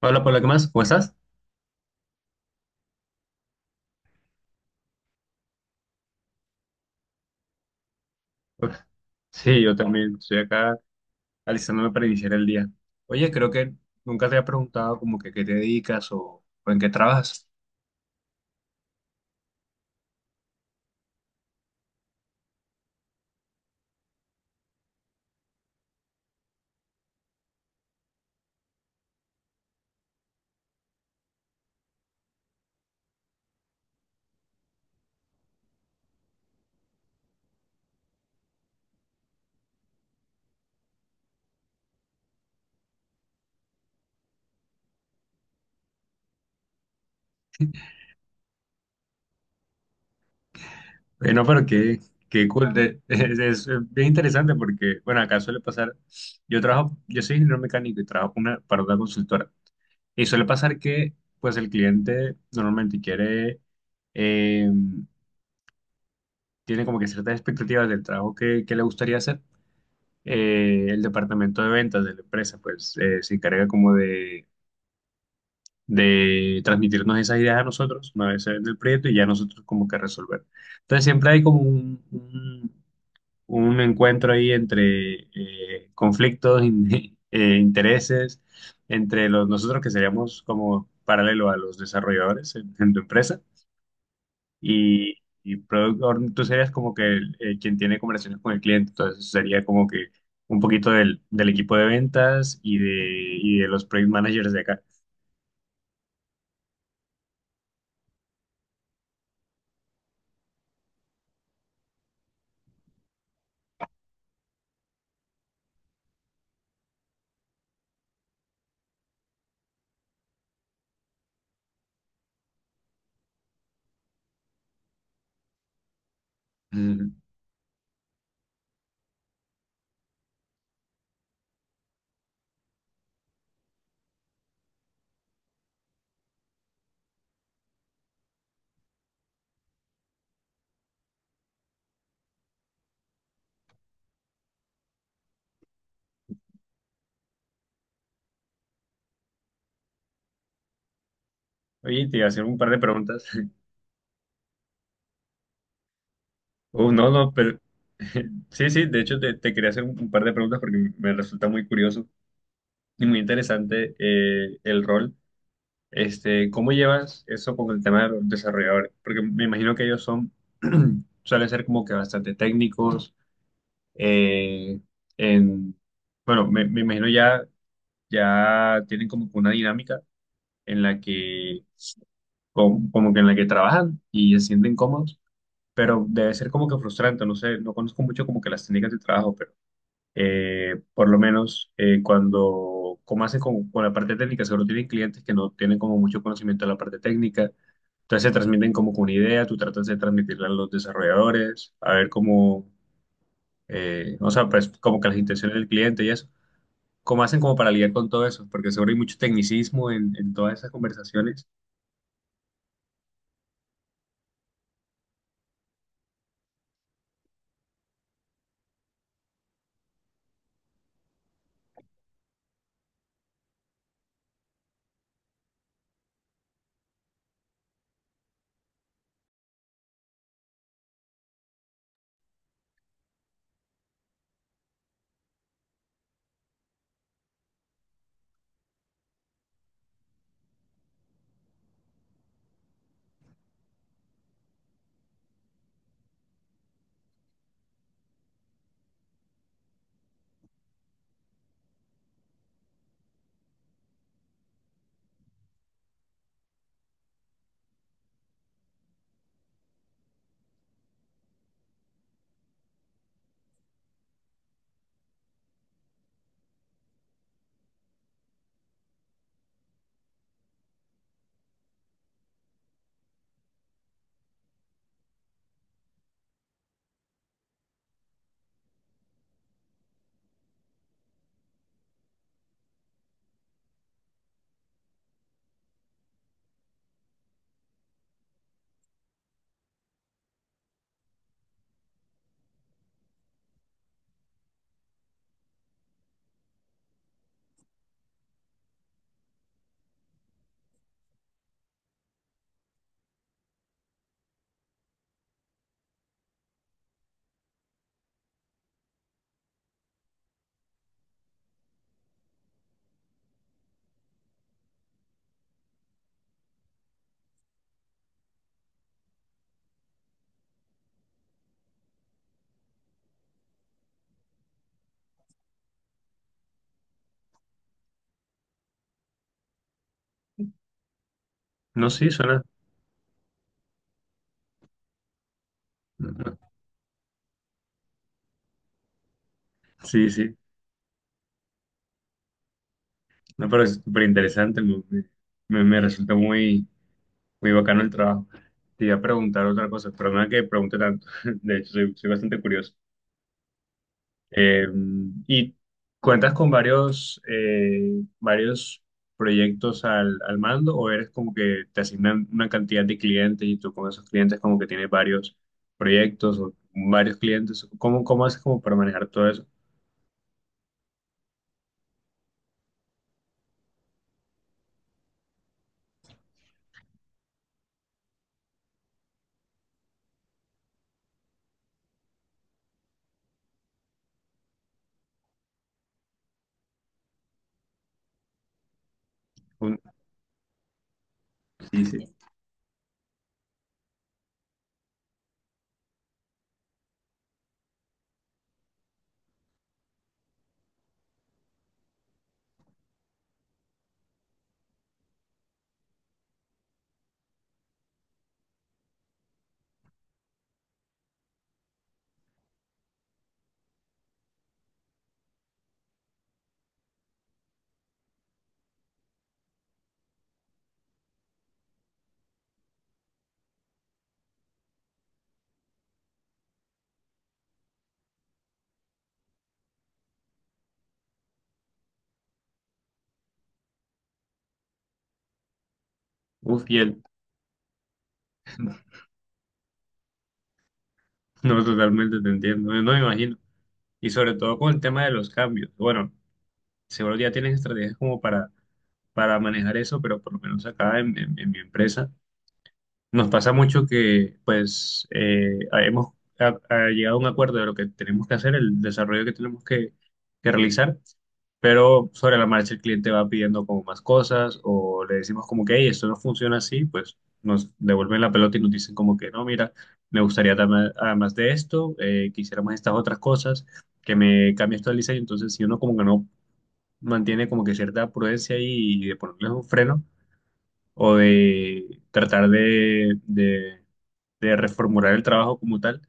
Hola, Paula, ¿qué más? ¿Cómo estás? Uf, Sí, yo también estoy acá alistándome para iniciar el día. Oye, creo que nunca te había preguntado como que qué te dedicas o en qué trabajas. Bueno, pero qué cool. Es bien interesante porque, bueno, acá suele pasar, yo trabajo, yo soy ingeniero mecánico y trabajo para una consultora. Y suele pasar que, pues, el cliente normalmente quiere, eh, tiene como que ciertas expectativas del trabajo que le gustaría hacer. Eh, el departamento de ventas de la empresa, pues se encarga como de transmitirnos esas ideas a nosotros, una vez se vende el proyecto y ya nosotros como que resolver. Entonces siempre hay como un encuentro ahí entre conflictos, intereses, entre nosotros que seríamos como paralelo a los desarrolladores en tu empresa y, y product owner, tú serías como que quien tiene conversaciones con el cliente, entonces sería como que un poquito del equipo de ventas y de los project managers de acá. Ujú. Oye, te iba a hacer un par de preguntas. Oh, no, no, pero sí, sí, de hecho te quería hacer un par de preguntas porque me resulta muy curioso y muy interesante el rol. Este, ¿cómo llevas eso con el tema de los desarrolladores? Porque me imagino que ellos son, suelen ser como que bastante técnicos eh, en, bueno, me imagino ya tienen como que una dinámica en la como, como que en la que trabajan y se sienten cómodos, pero debe ser como que frustrante, no sé, no conozco mucho como que las técnicas de trabajo, pero por lo menos cuando, como hacen con la parte técnica, seguro tienen clientes que no tienen como mucho conocimiento de la parte técnica, entonces se transmiten como que una idea, tú tratas de transmitirla a los desarrolladores, a ver cómo o sea, pues como que las intenciones del cliente y eso. ¿Cómo hacen como para lidiar con todo eso? Porque seguro hay mucho tecnicismo en todas esas conversaciones. No, sí, suena. Sí, sí. No, pero es súper interesante. Me resulta muy bacano el trabajo. Te iba a preguntar otra cosa, pero nada que pregunte tanto. De hecho, soy soy bastante curioso. Eh, y cuentas con varios, varios proyectos al mando o eres como que te asignan una cantidad de clientes y tú con esos clientes como que tienes varios proyectos o varios clientes. Cómo haces como para manejar todo eso? Un- sí, sí. Uf, y el- no, totalmente te entiendo, no me imagino. Y sobre todo con el tema de los cambios. Bueno, seguro ya tienes estrategias como para manejar eso, pero por lo menos acá en mi empresa nos pasa mucho que, pues, hemos ha llegado a un acuerdo de lo que tenemos que hacer, el desarrollo que tenemos que realizar, pero sobre la marcha el cliente va pidiendo como más cosas o le decimos como que, hey, esto no funciona así, pues nos devuelven la pelota y nos dicen como que, no, mira, me gustaría dar además de esto, quisiéramos estas otras cosas, que me cambie esto el diseño. Entonces, si uno como que no mantiene como que cierta prudencia ahí y de ponerles un freno, o de tratar de reformular el trabajo como tal,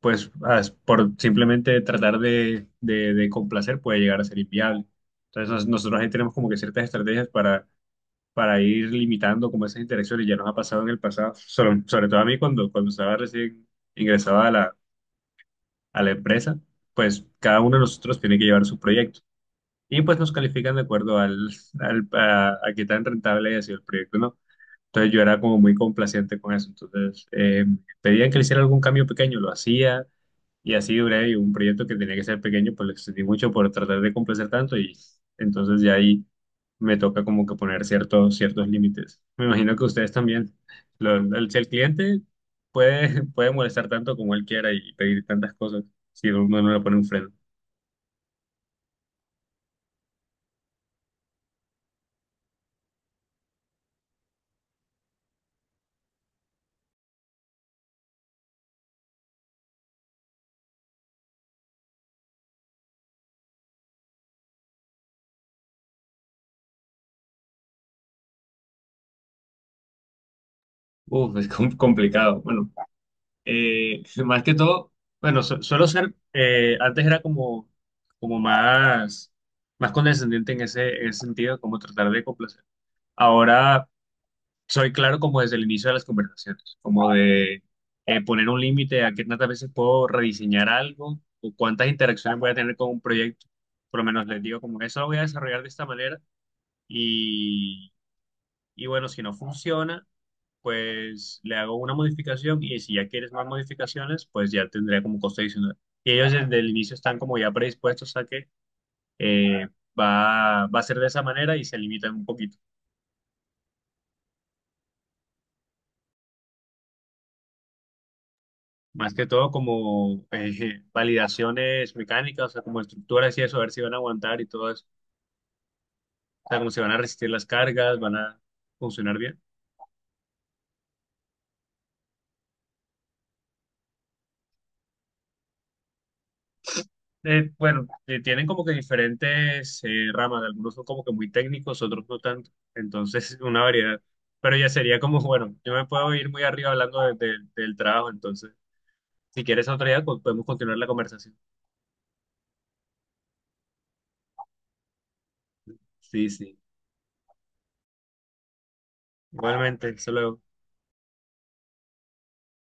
pues por simplemente tratar de complacer puede llegar a ser inviable. Entonces nosotros ahí tenemos como que ciertas estrategias para ir limitando como esas interacciones, ya nos ha pasado en el pasado, sobre todo a mí cuando estaba recién ingresado a a la empresa, pues cada uno de nosotros tiene que llevar su proyecto. Y pues nos califican de acuerdo a qué tan rentable haya sido el proyecto, ¿no? Entonces yo era como muy complaciente con eso. Entonces pedían que le hiciera algún cambio pequeño, lo hacía y así duré y un proyecto que tenía que ser pequeño, pues lo extendí mucho por tratar de complacer tanto y entonces ya ahí me toca como que poner ciertos límites. Me imagino que ustedes también. Si el cliente puede, puede molestar tanto como él quiera y pedir tantas cosas, si uno no le pone un freno. Uf, es complicado. Bueno, más que todo, bueno, suelo ser, antes era como más, más condescendiente en en ese sentido, como tratar de complacer. Ahora soy claro como desde el inicio de las conversaciones, como de poner un límite a qué tantas veces puedo rediseñar algo o cuántas interacciones voy a tener con un proyecto. Por lo menos les digo como eso lo voy a desarrollar de esta manera y, y bueno, si no funciona pues le hago una modificación y si ya quieres más modificaciones, pues ya tendría como costo adicional. Y ellos desde el inicio están como ya predispuestos a que eh, va a ser de esa manera y se limitan un poquito. Más que todo como validaciones mecánicas, o sea, como estructuras y eso, a ver si van a aguantar y todo eso. O sea, como si van a resistir las cargas, van a funcionar bien. Bueno, tienen como que diferentes ramas, algunos son como que muy técnicos, otros no tanto, entonces una variedad. Pero ya sería como, bueno, yo me puedo ir muy arriba hablando del trabajo, entonces si quieres otro día pues, podemos continuar la conversación. Sí, sí, igualmente, solo